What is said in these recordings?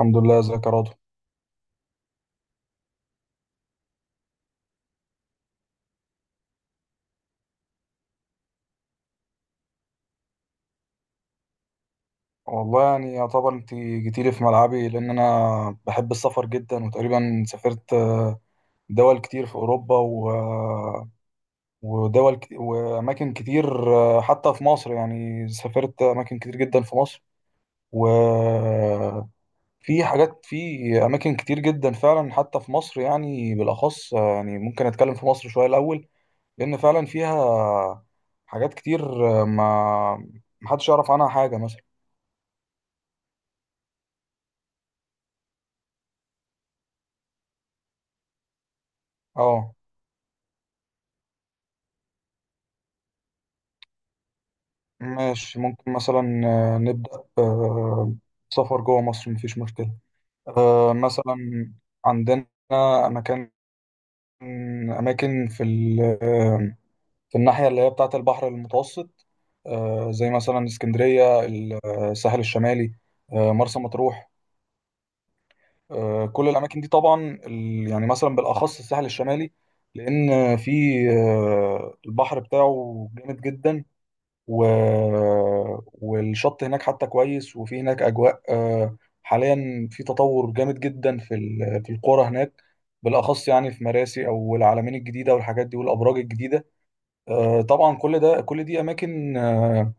الحمد لله. ازيك يا رضوى؟ والله يعني يعتبر انت جيتيلي في ملعبي، لان انا بحب السفر جدا، وتقريبا سافرت دول كتير في اوروبا واماكن كتير حتى في مصر. يعني سافرت اماكن كتير جدا في مصر، وفي حاجات في اماكن كتير جدا فعلا حتى في مصر، يعني بالاخص. يعني ممكن اتكلم في مصر شوية الاول، لان فعلا فيها حاجات كتير ما محدش يعرف عنها حاجة مثلا. اه، ماشي. ممكن مثلا نبدأ آه، سفر جوه مصر، مفيش مشكلة. مثلا عندنا مكان أماكن في الناحية اللي هي بتاعة البحر المتوسط، زي مثلا اسكندرية، الساحل الشمالي، مرسى مطروح. كل الأماكن دي طبعا، يعني مثلا بالأخص الساحل الشمالي، لأن في البحر بتاعه جامد جدا، و... والشط هناك حتى كويس، وفي هناك أجواء. حاليا في تطور جامد جدا في القرى هناك، بالأخص يعني في مراسي أو العلمين الجديدة والحاجات دي والأبراج الجديدة. طبعا كل دي أماكن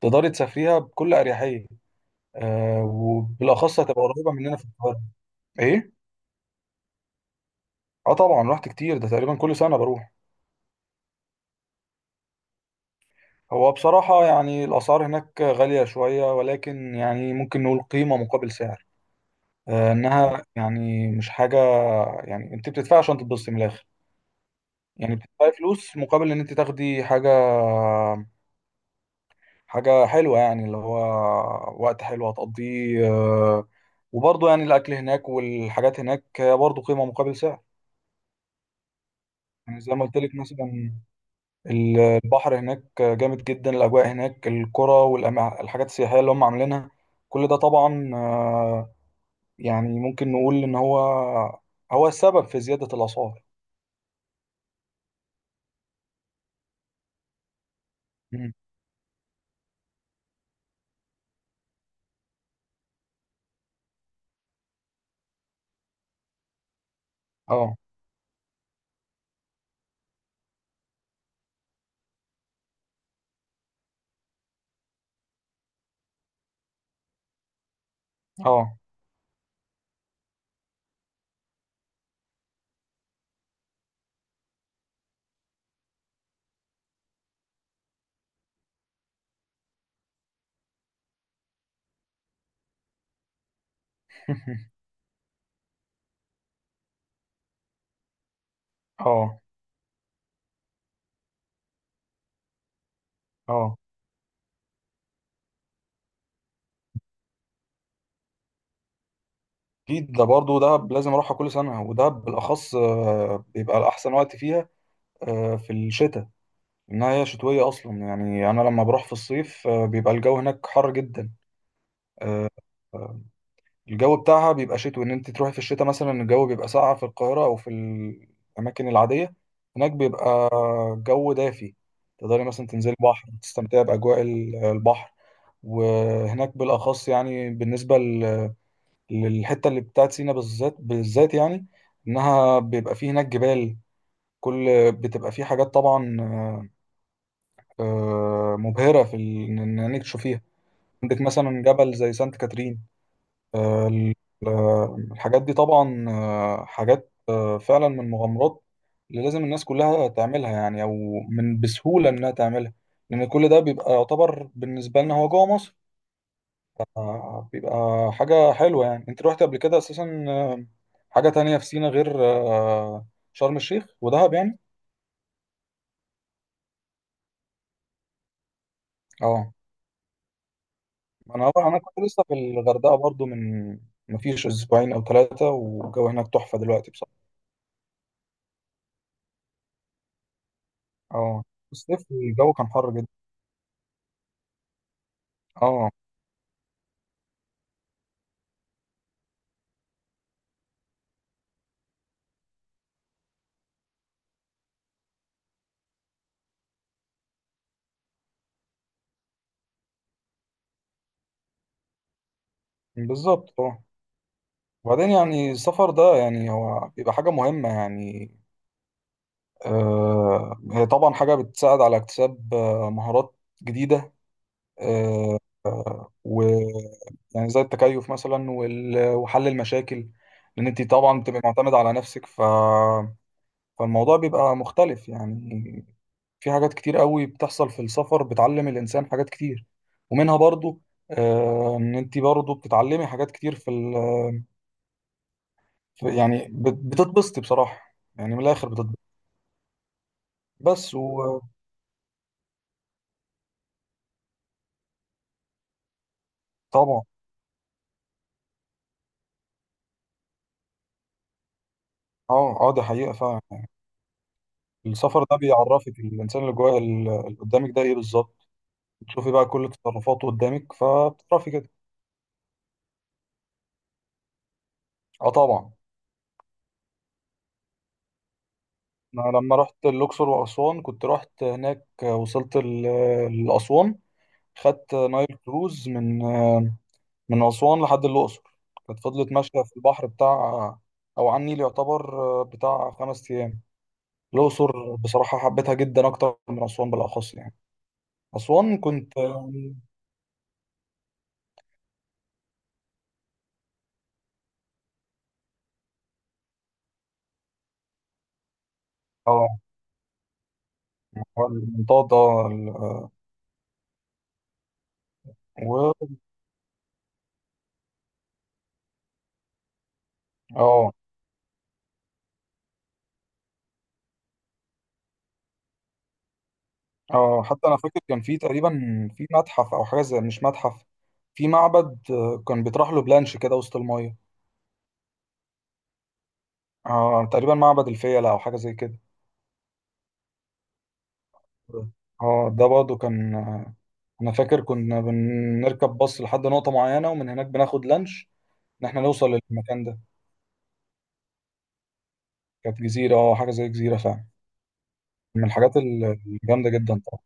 تقدري تسافريها بكل أريحية، وبالأخص هتبقى قريبة مننا في القاهرة. إيه؟ آه طبعا، رحت كتير، ده تقريبا كل سنة بروح. هو بصراحة يعني الأسعار هناك غالية شوية، ولكن يعني ممكن نقول قيمة مقابل سعر، انها يعني مش حاجه. يعني انت بتدفعي عشان تتبسطي من الاخر، يعني بتدفعي فلوس مقابل ان انت تاخدي حاجه، حاجه حلوه، يعني اللي هو وقت حلو هتقضيه، وبرضه يعني الاكل هناك والحاجات هناك برضه قيمه مقابل سعر. يعني زي ما قلت لك مثلا، ال- البحر هناك جامد جدا، الاجواء هناك، القرى والحاجات السياحيه اللي هم عاملينها، كل ده طبعا، يعني ممكن نقول ان هو السبب في زياده الاسعار. مم. اه، اه. اه، اه. اكيد، ده برضه دهب لازم اروحها كل سنه، ودهب بالاخص بيبقى الاحسن وقت فيها في الشتاء. انها هي شتويه اصلا، يعني انا لما بروح في الصيف بيبقى الجو هناك حر جدا. آه، الجو بتاعها بيبقى شتوي، ان انت تروحي في الشتاء مثلا الجو بيبقى ساقع في القاهره او في الاماكن العاديه، هناك بيبقى جو دافي، تقدري مثلا تنزلي بحر تستمتعي باجواء البحر. وهناك بالاخص يعني بالنسبه للحته اللي بتاعت سينا، بالذات بالذات، يعني انها بيبقى فيه هناك جبال، كل بتبقى فيه حاجات طبعا مبهره ان إنك تشوفيها. عندك مثلا جبل زي سانت كاترين. آه، ال- الحاجات دي طبعا، حاجات فعلا من مغامرات اللي لازم الناس كلها تعملها، يعني او من بسهوله انها تعملها، لان كل ده بيبقى يعتبر بالنسبه لنا هو جوه مصر. بيبقى حاجة حلوة. يعني انت رحت قبل كده اساسا حاجة تانية في سينا غير شرم الشيخ ودهب يعني؟ اه، انا كنت لسه في الغردقة برضو من مفيش اسبوعين او ثلاثة، والجو هناك تحفة دلوقتي بصراحة. اه، الصيف الجو كان حر جدا. اه، بالظبط. اه، وبعدين يعني السفر ده يعني هو بيبقى حاجة مهمة يعني. هي طبعا حاجة بتساعد على اكتساب مهارات جديدة، آه، و يعني زي التكيف مثلا وحل المشاكل، لان انت طبعا بتبقى معتمد على نفسك فالموضوع بيبقى مختلف يعني. في حاجات كتير قوي بتحصل في السفر بتعلم الانسان حاجات كتير، ومنها برضو ان انت برضو بتتعلمي حاجات كتير في، يعني بتتبسطي بصراحة، يعني من الاخر بتتبسطي. بس وطبعا. اه، اه، دي حقيقة فعلا. السفر ده بيعرفك الانسان اللي جوه، اللي قدامك ده ايه بالظبط، بتشوفي بقى كل تصرفاته قدامك فبتعرفي كده. اه طبعا، انا لما رحت الاقصر واسوان كنت رحت هناك وصلت لاسوان، خدت نايل كروز من اسوان لحد الاقصر، كانت فضلت ماشيه في البحر بتاع، او على النيل يعتبر، بتاع 5 ايام. الاقصر بصراحه حبيتها جدا اكتر من اسوان بالاخص، يعني اسوان كنت المنطقه. و اه اه حتى انا فاكر كان في تقريبا في متحف، او حاجه زي، مش متحف، في معبد كان بيطرح له بلانش كده وسط المايه. اه، تقريبا معبد الفيلة او حاجه زي كده. اه، ده برضه كان. انا فاكر كنا بنركب باص لحد نقطه معينه، ومن هناك بناخد لانش ان احنا نوصل للمكان ده. كانت جزيره، اه، حاجه زي جزيره فعلا، من الحاجات الجامده جدا طبعا.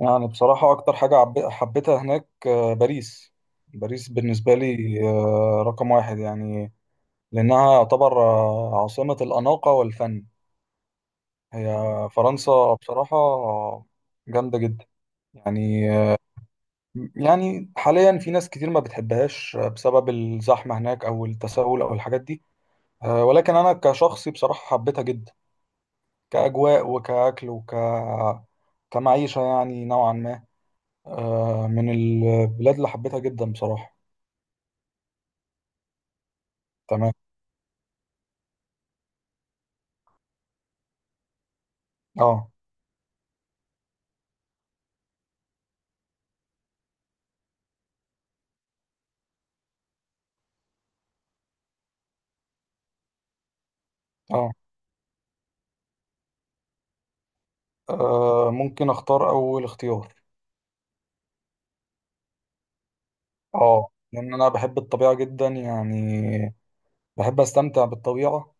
يعني بصراحه اكتر حاجه حبيتها هناك باريس. باريس بالنسبه لي رقم واحد يعني، لأنها يعتبر عاصمة الأناقة والفن. هي فرنسا بصراحة جامدة جدا. يعني آه، يعني حاليا في ناس كتير ما بتحبهاش بسبب الزحمة هناك أو التسول أو الحاجات دي. ولكن أنا كشخصي بصراحة حبيتها جدا، كأجواء وكأكل كمعيشة يعني نوعا ما. من البلاد اللي حبيتها جدا بصراحة. تمام. اه، اه. ممكن اختار أول اختيار. اه، لان انا بحب الطبيعه جدا، يعني بحب استمتع بالطبيعه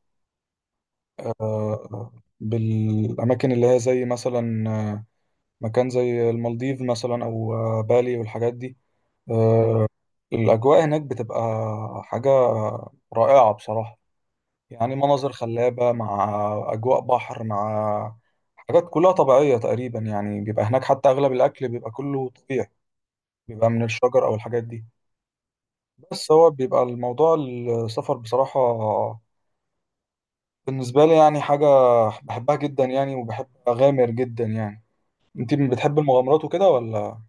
آه، آه، بالاماكن اللي هي زي مثلا مكان زي المالديف مثلا، او بالي والحاجات دي. آه، الاجواء هناك بتبقى حاجه رائعه بصراحه، يعني مناظر خلابه مع اجواء بحر، مع حاجات كلها طبيعيه تقريبا، يعني بيبقى هناك حتى اغلب الاكل بيبقى كله طبيعي، بيبقى من الشجر او الحاجات دي. بس هو بيبقى الموضوع السفر بصراحه بالنسبة لي يعني حاجة بحبها جدا يعني، وبحب أغامر جدا يعني. أنت بتحب المغامرات وكده ولا؟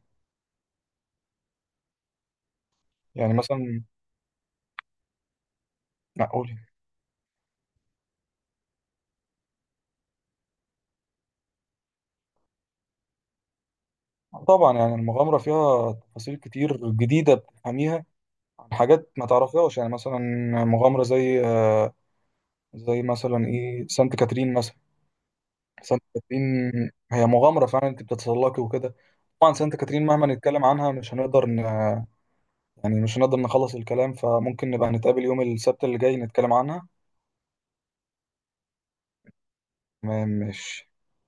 يعني مثلا، معقولة. طبعا يعني المغامرة فيها تفاصيل كتير جديدة بتفهميها عن حاجات ما تعرفيهاش، يعني مثلا مغامرة زي زي مثلا إيه، سانت كاترين مثلا. سانت كاترين هي مغامرة فعلا، أنت بتتسلقي وكده. طبعا سانت كاترين مهما نتكلم عنها مش هنقدر يعني مش هنقدر نخلص الكلام، فممكن نبقى نتقابل يوم السبت اللي جاي نتكلم عنها. مش